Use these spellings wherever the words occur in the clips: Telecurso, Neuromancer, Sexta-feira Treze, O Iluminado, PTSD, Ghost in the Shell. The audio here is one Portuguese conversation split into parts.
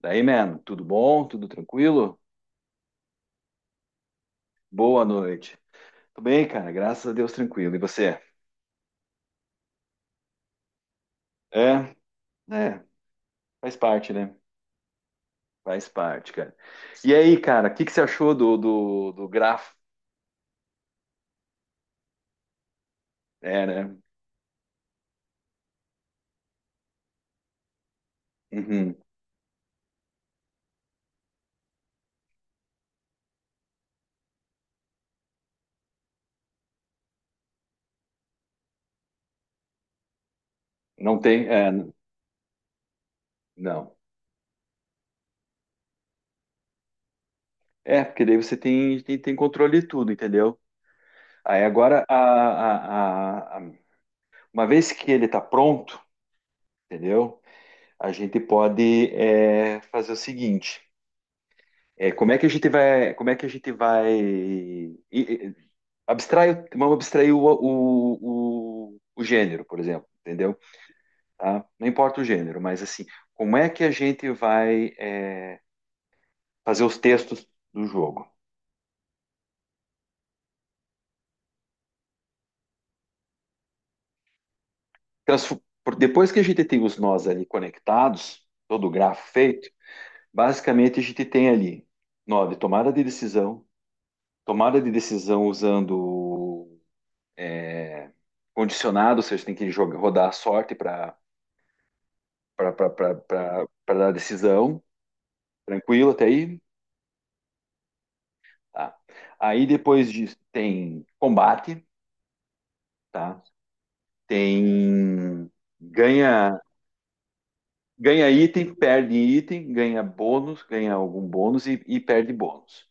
Daí, man, tudo bom? Tudo tranquilo? Boa noite. Tudo bem, cara? Graças a Deus, tranquilo. E você? É, é, faz parte, né? Faz parte, cara. E aí, cara, o que que você achou do grafo? É, né? Uhum. Não tem, é, não. É, porque daí você tem, tem controle de tudo, entendeu? Aí agora, uma vez que ele tá pronto, entendeu? A gente pode, é, fazer o seguinte. É, como é que a gente vai, como é que a gente vai abstrai, vamos abstrair o gênero, por exemplo, entendeu? Tá? Não importa o gênero, mas assim, como é que a gente vai, é, fazer os textos do jogo? Depois que a gente tem os nós ali conectados, todo o grafo feito, basicamente a gente tem ali nó de tomada de decisão usando condicionado, ou seja, tem que jogar, rodar a sorte para dar decisão. Tranquilo até aí? Tá. Aí depois disso tem combate, tá? Tem ganha ganha item, perde item, ganha bônus, ganha algum bônus e perde bônus.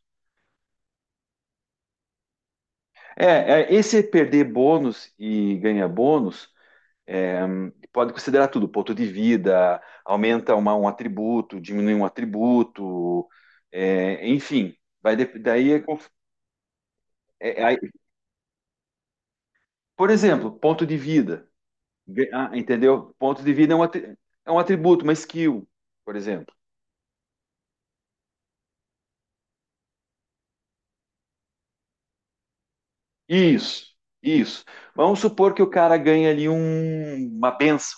É, esse perder bônus e ganhar bônus, é, pode considerar tudo, ponto de vida, aumenta um atributo, diminui um atributo, é, enfim, daí é, é- é, por exemplo, ponto de vida. Entendeu? Ponto de vida é um, é um atributo, uma skill, por exemplo. Isso, isso. Vamos supor que o cara ganha ali uma benção,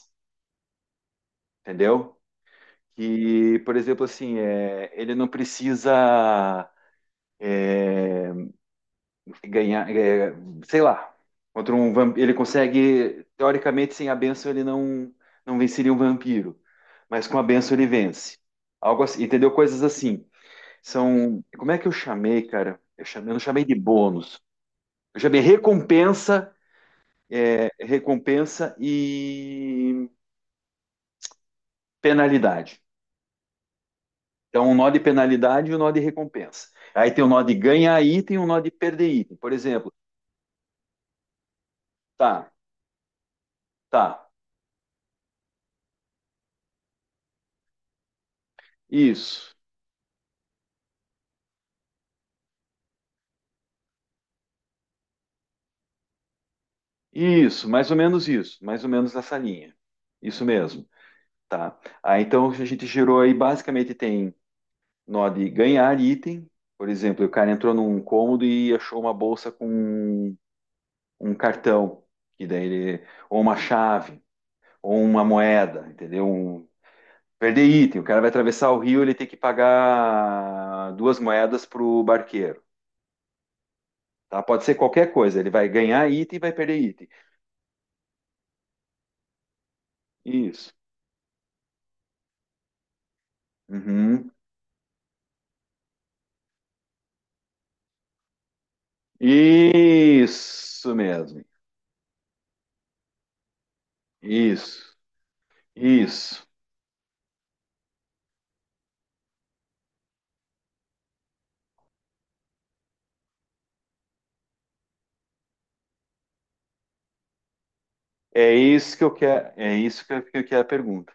entendeu? Que, por exemplo, assim, é, ele não precisa ganhar, é, sei lá, contra ele consegue, teoricamente, sem a benção ele não venceria um vampiro, mas com a benção ele vence. Algo assim, entendeu? Coisas assim. São. Como é que eu chamei, cara? Eu chamei, eu não chamei de bônus. Eu chamei recompensa, é, recompensa e penalidade. Então, um nó de penalidade e um nó de recompensa. Aí tem um nó de ganhar item e um nó de perder item. Por exemplo, tá, tá, isso, isso, mais ou menos isso, mais ou menos essa linha. Isso mesmo, tá? Aí então a gente gerou aí, basicamente tem nó de ganhar item. Por exemplo, o cara entrou num cômodo e achou uma bolsa com um cartão, que daí ele, ou uma chave, ou uma moeda, entendeu? Um, perder item, o cara vai atravessar o rio, ele tem que pagar duas moedas pro barqueiro, tá? Pode ser qualquer coisa, ele vai ganhar item e vai perder item. Isso. Uhum. Isso mesmo. Isso. Isso. É isso que eu quero, é isso que que eu quero a pergunta,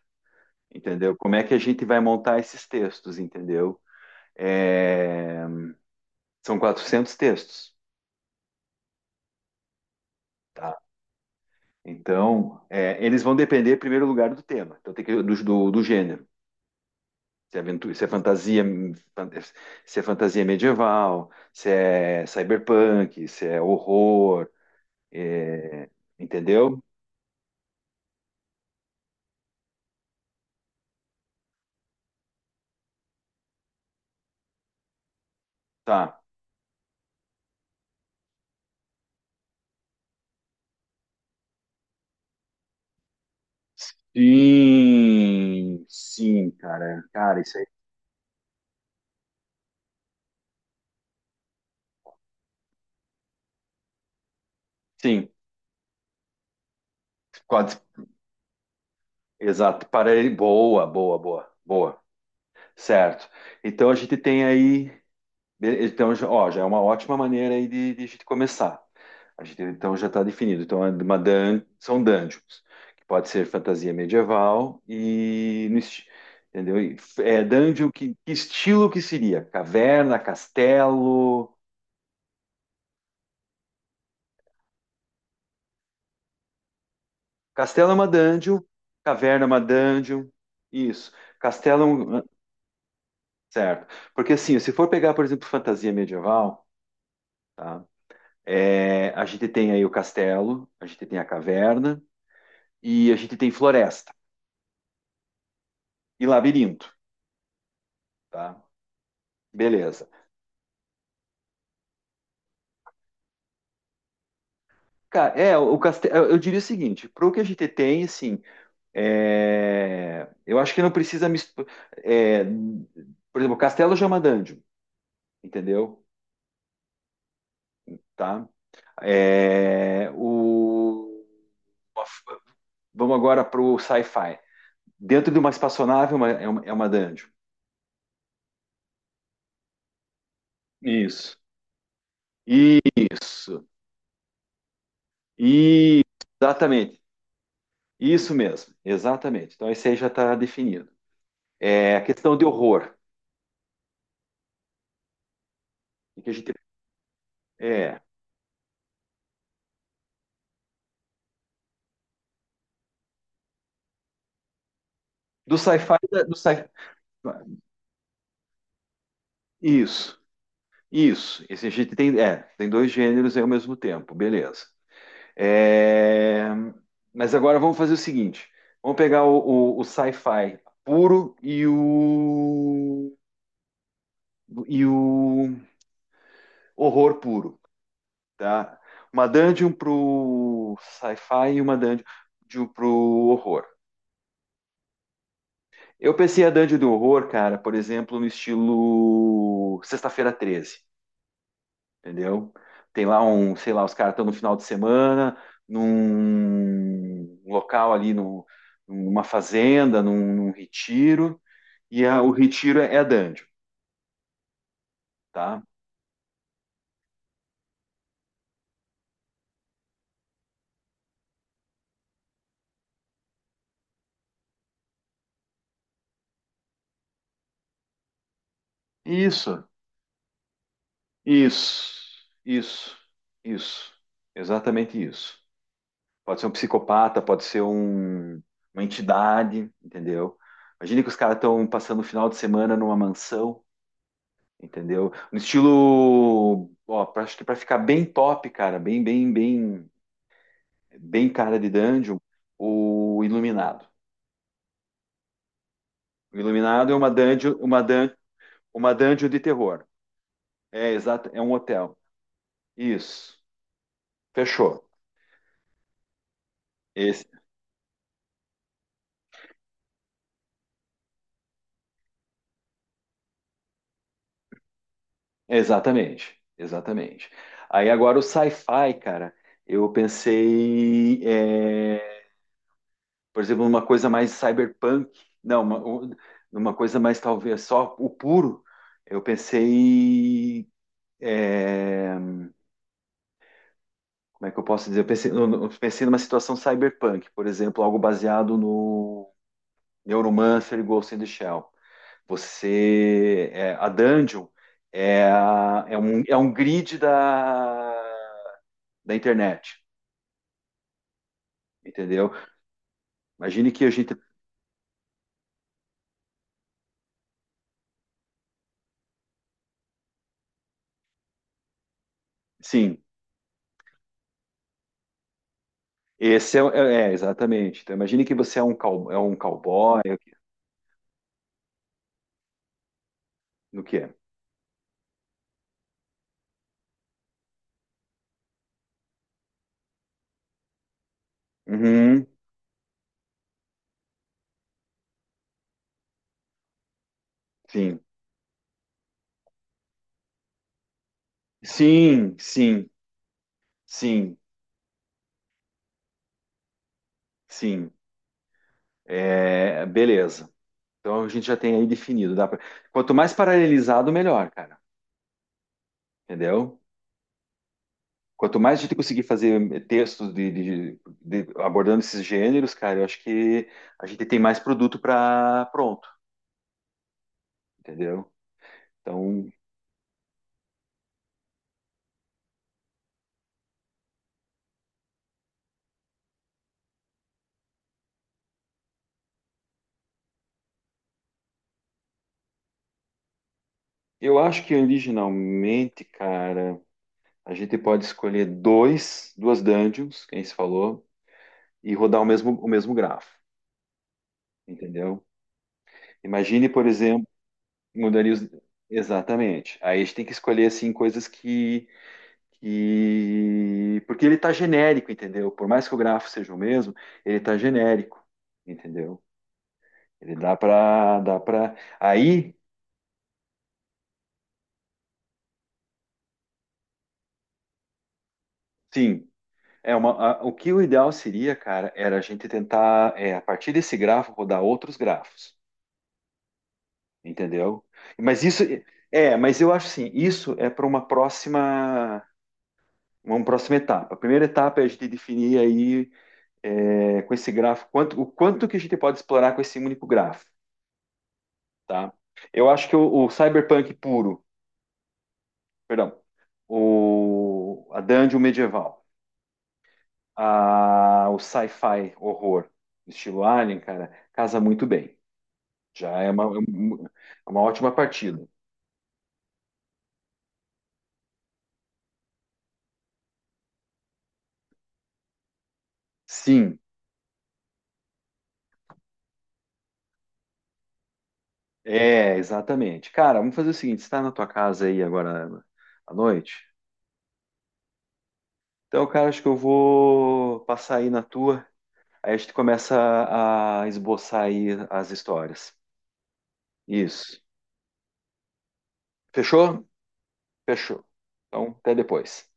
entendeu? Como é que a gente vai montar esses textos, entendeu? É, são 400 textos, tá? Então, é, eles vão depender, em primeiro lugar, do tema, então tem que, do gênero. Se é, aventura, se é fantasia, se é fantasia medieval, se é cyberpunk, se é horror, é, entendeu? Tá. Sim, sim, cara. Cara, isso aí. Sim, quase. Exato. Para ele, boa, boa, boa, boa. Certo. Então a gente tem aí. Então, ó, já é uma ótima maneira aí de a gente começar. A gente, então, já está definido. Então, é são dungeons, que pode ser fantasia medieval e... no esti- entendeu? É dungeon, que estilo que seria? Caverna, castelo... Castelo é uma dungeon, caverna é uma dungeon, isso. Castelo é um... Certo. Porque, assim, se for pegar, por exemplo, fantasia medieval, tá? É, a gente tem aí o castelo, a gente tem a caverna, e a gente tem floresta e labirinto, tá? Beleza. Cara, é, o castelo, eu diria o seguinte, pro que a gente tem, assim, é, eu acho que não precisa misturar, por exemplo, castelo já é uma dungeon, entendeu? Tá? É, o, vamos agora pro sci-fi. Dentro de uma espaçonave é uma, é uma dungeon. Isso. Isso. Isso. Exatamente. Isso mesmo. Exatamente. Então, esse aí já está definido. É, a questão de horror. Em que a gente, é, do sci-fi. Do sci isso, isso. Esse a gente tem, é, tem dois gêneros aí ao mesmo tempo, beleza. É, mas agora vamos fazer o seguinte: vamos pegar o sci-fi puro e o horror puro, tá? Uma dungeon pro sci-fi e uma dungeon pro horror. Eu pensei a Dungeon do Horror, cara, por exemplo, no estilo Sexta-feira 13, entendeu? Tem lá um, sei lá, os caras estão no final de semana, num local ali, numa fazenda, num retiro, e o retiro é a dungeon, tá? Isso, isso, isso, isso, exatamente isso. Pode ser um psicopata, pode ser uma entidade, entendeu? Imagina que os caras estão passando o final de semana numa mansão. Entendeu? No estilo, ó, acho que para ficar bem top, cara, bem, bem, bem, bem cara de dungeon, o Iluminado. O Iluminado é uma dungeon, uma dun, uma dungeon de terror. É exato, é um hotel. Isso. Fechou. Esse, exatamente, exatamente. Aí agora o sci-fi, cara, eu pensei é, por exemplo, uma coisa mais cyberpunk, não, uma coisa mais talvez só o puro. Eu pensei, é, como é que eu posso dizer? Eu pensei, eu pensei numa situação cyberpunk, por exemplo, algo baseado no Neuromancer e Ghost in the Shell. Você, é, a dungeon é, é um grid da, da internet, entendeu? Imagine que a gente, sim. Esse é, é, exatamente. Então, imagine que você é um, é um cowboy, no que é? Uhum, sim. Sim, sim, sim, sim. É, beleza. Então a gente já tem aí definido. Dá pra... Quanto mais paralelizado, melhor, cara. Entendeu? Quanto mais a gente conseguir fazer textos de- abordando esses gêneros, cara, eu acho que a gente tem mais produto para pronto, entendeu? Então, eu acho que originalmente, cara, a gente pode escolher dois, duas dungeons, quem se falou, e rodar o mesmo grafo, entendeu? Imagine, por exemplo, mudaria os... Exatamente. Aí a gente tem que escolher, assim, coisas que... Porque ele está genérico, entendeu? Por mais que o grafo seja o mesmo, ele está genérico, entendeu? Ele dá para, dá para. Aí, sim, é uma... o que o ideal seria, cara, era a gente tentar, é, a partir desse grafo, rodar outros grafos, entendeu? Mas isso... É, mas eu acho assim, isso é para uma próxima... Uma próxima etapa. A primeira etapa é a gente definir aí é, com esse grafo, quanto, o quanto que a gente pode explorar com esse único grafo, tá? Eu acho que o cyberpunk puro, perdão, o, a dungeon medieval, a, o sci-fi horror, estilo Alien, cara, casa muito bem. Já é uma, é uma ótima partida. Sim, é, exatamente. Cara, vamos fazer o seguinte: você está na tua casa aí agora à noite? Então, cara, acho que eu vou passar aí na tua. Aí a gente começa a esboçar aí as histórias. Isso. Fechou? Fechou. Então, até depois.